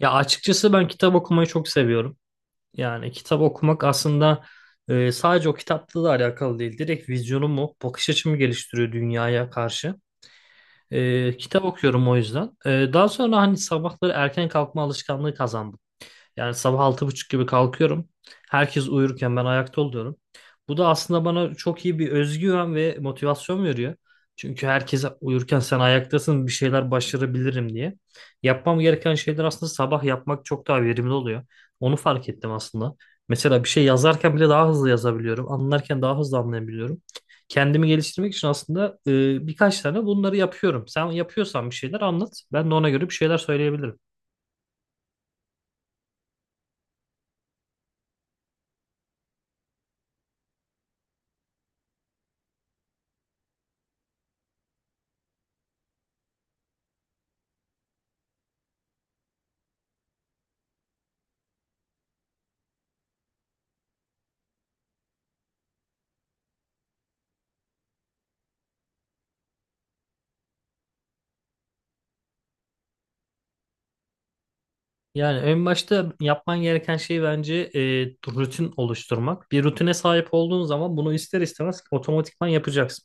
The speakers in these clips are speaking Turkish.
Ya açıkçası ben kitap okumayı çok seviyorum. Yani kitap okumak aslında sadece o kitapla da alakalı değil. Direkt vizyonumu, bakış açımı geliştiriyor dünyaya karşı. Kitap okuyorum o yüzden. Daha sonra hani sabahları erken kalkma alışkanlığı kazandım. Yani sabah 6.30 gibi kalkıyorum. Herkes uyurken ben ayakta oluyorum. Bu da aslında bana çok iyi bir özgüven ve motivasyon veriyor. Çünkü herkes uyurken sen ayaktasın bir şeyler başarabilirim diye. Yapmam gereken şeyler aslında sabah yapmak çok daha verimli oluyor. Onu fark ettim aslında. Mesela bir şey yazarken bile daha hızlı yazabiliyorum. Anlarken daha hızlı anlayabiliyorum. Kendimi geliştirmek için aslında birkaç tane bunları yapıyorum. Sen yapıyorsan bir şeyler anlat. Ben de ona göre bir şeyler söyleyebilirim. Yani en başta yapman gereken şey bence rutin oluşturmak. Bir rutine sahip olduğun zaman bunu ister istemez otomatikman yapacaksın.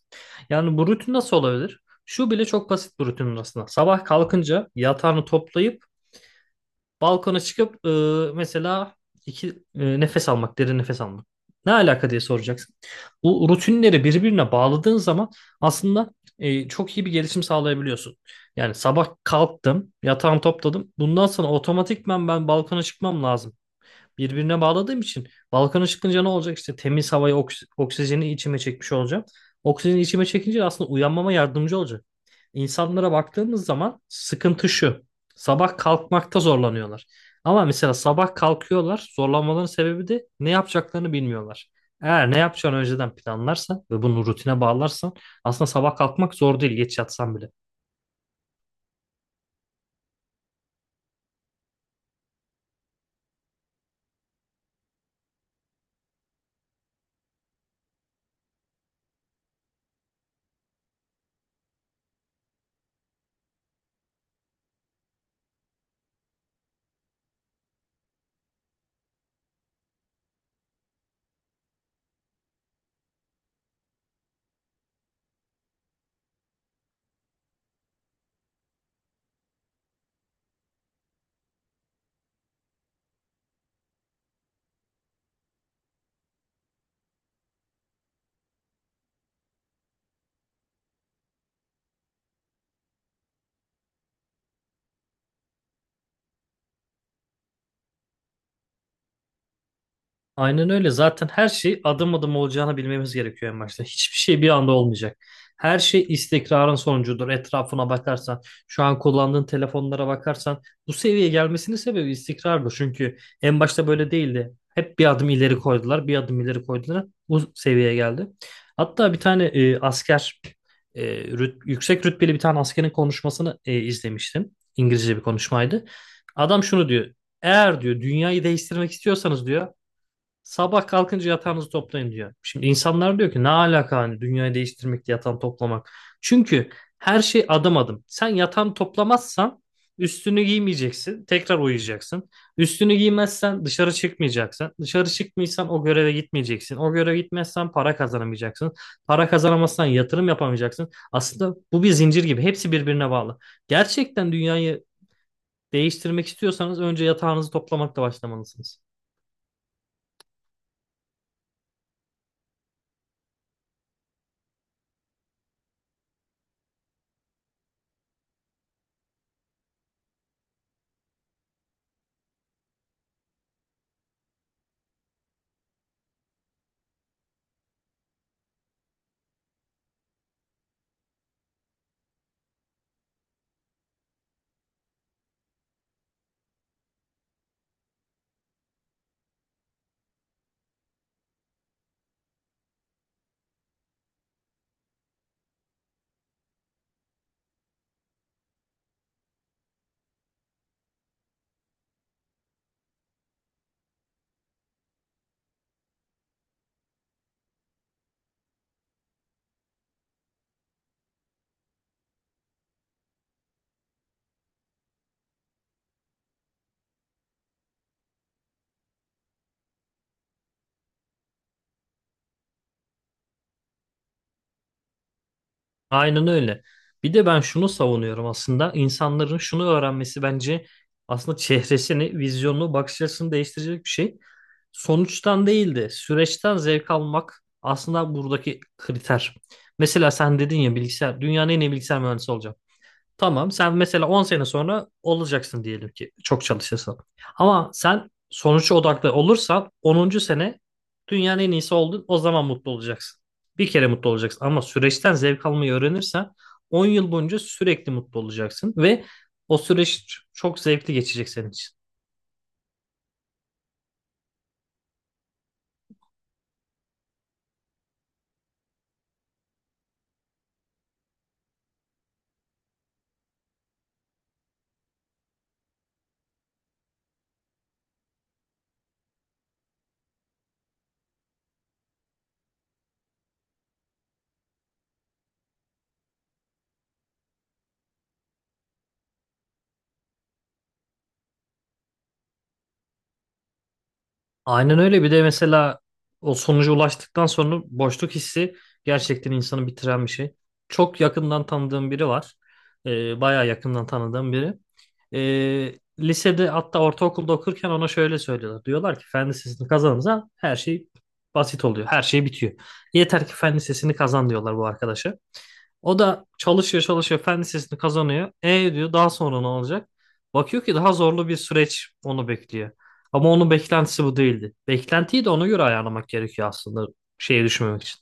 Yani bu rutin nasıl olabilir? Şu bile çok basit bir rutin aslında. Sabah kalkınca yatağını toplayıp balkona çıkıp mesela iki nefes almak, derin nefes almak. Ne alaka diye soracaksın. Bu rutinleri birbirine bağladığın zaman aslında çok iyi bir gelişim sağlayabiliyorsun. Yani sabah kalktım, yatağımı topladım. Bundan sonra otomatikman ben balkona çıkmam lazım birbirine bağladığım için Balkan'a çıkınca ne olacak? İşte temiz havayı, oksijeni içime çekmiş olacağım. Oksijeni içime çekince aslında uyanmama yardımcı olacak. İnsanlara baktığımız zaman sıkıntı şu. Sabah kalkmakta zorlanıyorlar. Ama mesela sabah kalkıyorlar. Zorlanmaların sebebi de ne yapacaklarını bilmiyorlar. Eğer ne yapacağını önceden planlarsan ve bunu rutine bağlarsan aslında sabah kalkmak zor değil geç yatsan bile. Aynen öyle. Zaten her şey adım adım olacağını bilmemiz gerekiyor en başta. Hiçbir şey bir anda olmayacak. Her şey istikrarın sonucudur. Etrafına bakarsan, şu an kullandığın telefonlara bakarsan bu seviyeye gelmesinin sebebi istikrardır. Çünkü en başta böyle değildi. Hep bir adım ileri koydular, bir adım ileri koydular. Bu seviyeye geldi. Hatta bir tane e, yüksek rütbeli bir tane askerin konuşmasını izlemiştim. İngilizce bir konuşmaydı. Adam şunu diyor. Eğer diyor dünyayı değiştirmek istiyorsanız diyor sabah kalkınca yatağınızı toplayın diyor. Şimdi insanlar diyor ki ne alaka hani dünyayı değiştirmek yatağını toplamak. Çünkü her şey adım adım. Sen yatağını toplamazsan üstünü giymeyeceksin. Tekrar uyuyacaksın. Üstünü giymezsen dışarı çıkmayacaksın. Dışarı çıkmıyorsan o göreve gitmeyeceksin. O göreve gitmezsen para kazanamayacaksın. Para kazanamazsan yatırım yapamayacaksın. Aslında bu bir zincir gibi. Hepsi birbirine bağlı. Gerçekten dünyayı değiştirmek istiyorsanız önce yatağınızı toplamakla başlamalısınız. Aynen öyle. Bir de ben şunu savunuyorum aslında. İnsanların şunu öğrenmesi bence aslında çehresini, vizyonunu, bakış açısını değiştirecek bir şey. Sonuçtan değil de süreçten zevk almak aslında buradaki kriter. Mesela sen dedin ya bilgisayar, dünyanın en iyi bilgisayar mühendisi olacağım. Tamam sen mesela 10 sene sonra olacaksın diyelim ki çok çalışırsan. Ama sen sonuç odaklı olursan onuncu sene dünyanın en iyisi oldun o zaman mutlu olacaksın. Bir kere mutlu olacaksın ama süreçten zevk almayı öğrenirsen 10 yıl boyunca sürekli mutlu olacaksın ve o süreç çok zevkli geçecek senin için. Aynen öyle. Bir de mesela o sonuca ulaştıktan sonra boşluk hissi gerçekten insanı bitiren bir şey. Çok yakından tanıdığım biri var. Bayağı yakından tanıdığım biri. Lisede hatta ortaokulda okurken ona şöyle söylüyorlar. Diyorlar ki fen lisesini kazanınca her şey basit oluyor. Her şey bitiyor. Yeter ki fen lisesini kazan diyorlar bu arkadaşa. O da çalışıyor çalışıyor fen lisesini kazanıyor. E diyor daha sonra ne olacak? Bakıyor ki daha zorlu bir süreç onu bekliyor. Ama onun beklentisi bu değildi. Beklentiyi de ona göre ayarlamak gerekiyor aslında şeye düşmemek için.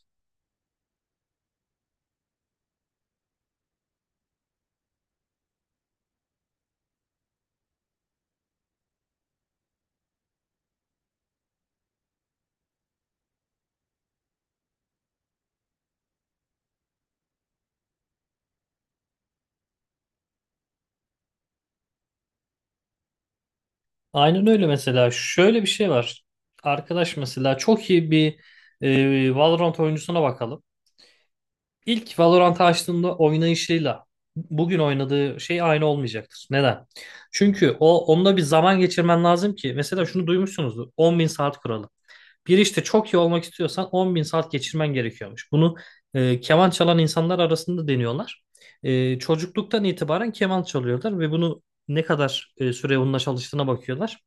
Aynen öyle mesela şöyle bir şey var. Arkadaş mesela çok iyi bir Valorant oyuncusuna bakalım. İlk Valorant'ı açtığında oynayışıyla bugün oynadığı şey aynı olmayacaktır. Neden? Çünkü o onunla bir zaman geçirmen lazım ki mesela şunu duymuşsunuzdur 10 bin saat kuralı. Bir işte çok iyi olmak istiyorsan 10 bin saat geçirmen gerekiyormuş. Bunu keman çalan insanlar arasında deniyorlar. Çocukluktan itibaren keman çalıyorlar ve bunu ne kadar süre onunla çalıştığına bakıyorlar.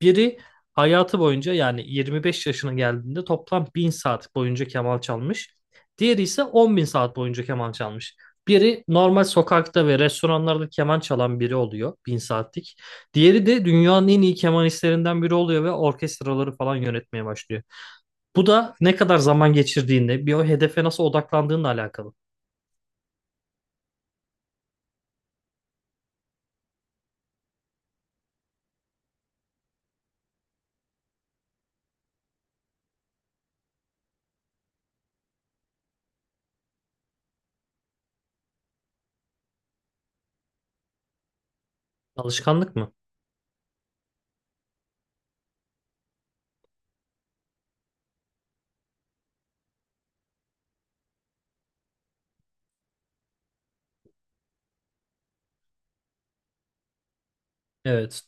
Biri hayatı boyunca yani 25 yaşına geldiğinde toplam 1000 saat boyunca keman çalmış. Diğeri ise 10 bin saat boyunca keman çalmış. Biri normal sokakta ve restoranlarda keman çalan biri oluyor 1000 saatlik. Diğeri de dünyanın en iyi kemanistlerinden biri oluyor ve orkestraları falan yönetmeye başlıyor. Bu da ne kadar zaman geçirdiğinle, bir o hedefe nasıl odaklandığınla alakalı. Alışkanlık mı? Evet.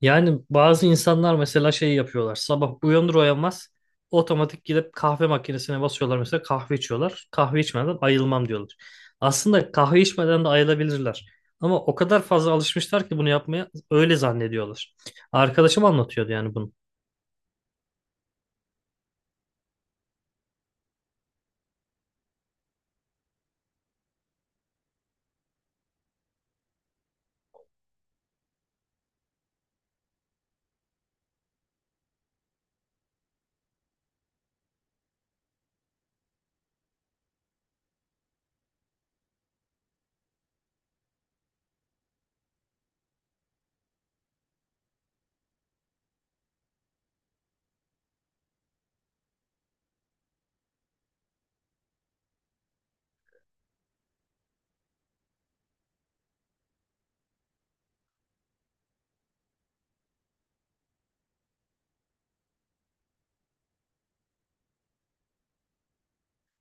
Yani bazı insanlar mesela şey yapıyorlar. Sabah uyanır uyanmaz otomatik gidip kahve makinesine basıyorlar mesela kahve içiyorlar. Kahve içmeden ayılmam diyorlar. Aslında kahve içmeden de ayılabilirler. Ama o kadar fazla alışmışlar ki bunu yapmaya öyle zannediyorlar. Arkadaşım anlatıyordu yani bunu.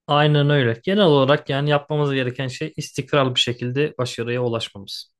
Aynen öyle. Genel olarak yani yapmamız gereken şey istikrarlı bir şekilde başarıya ulaşmamız.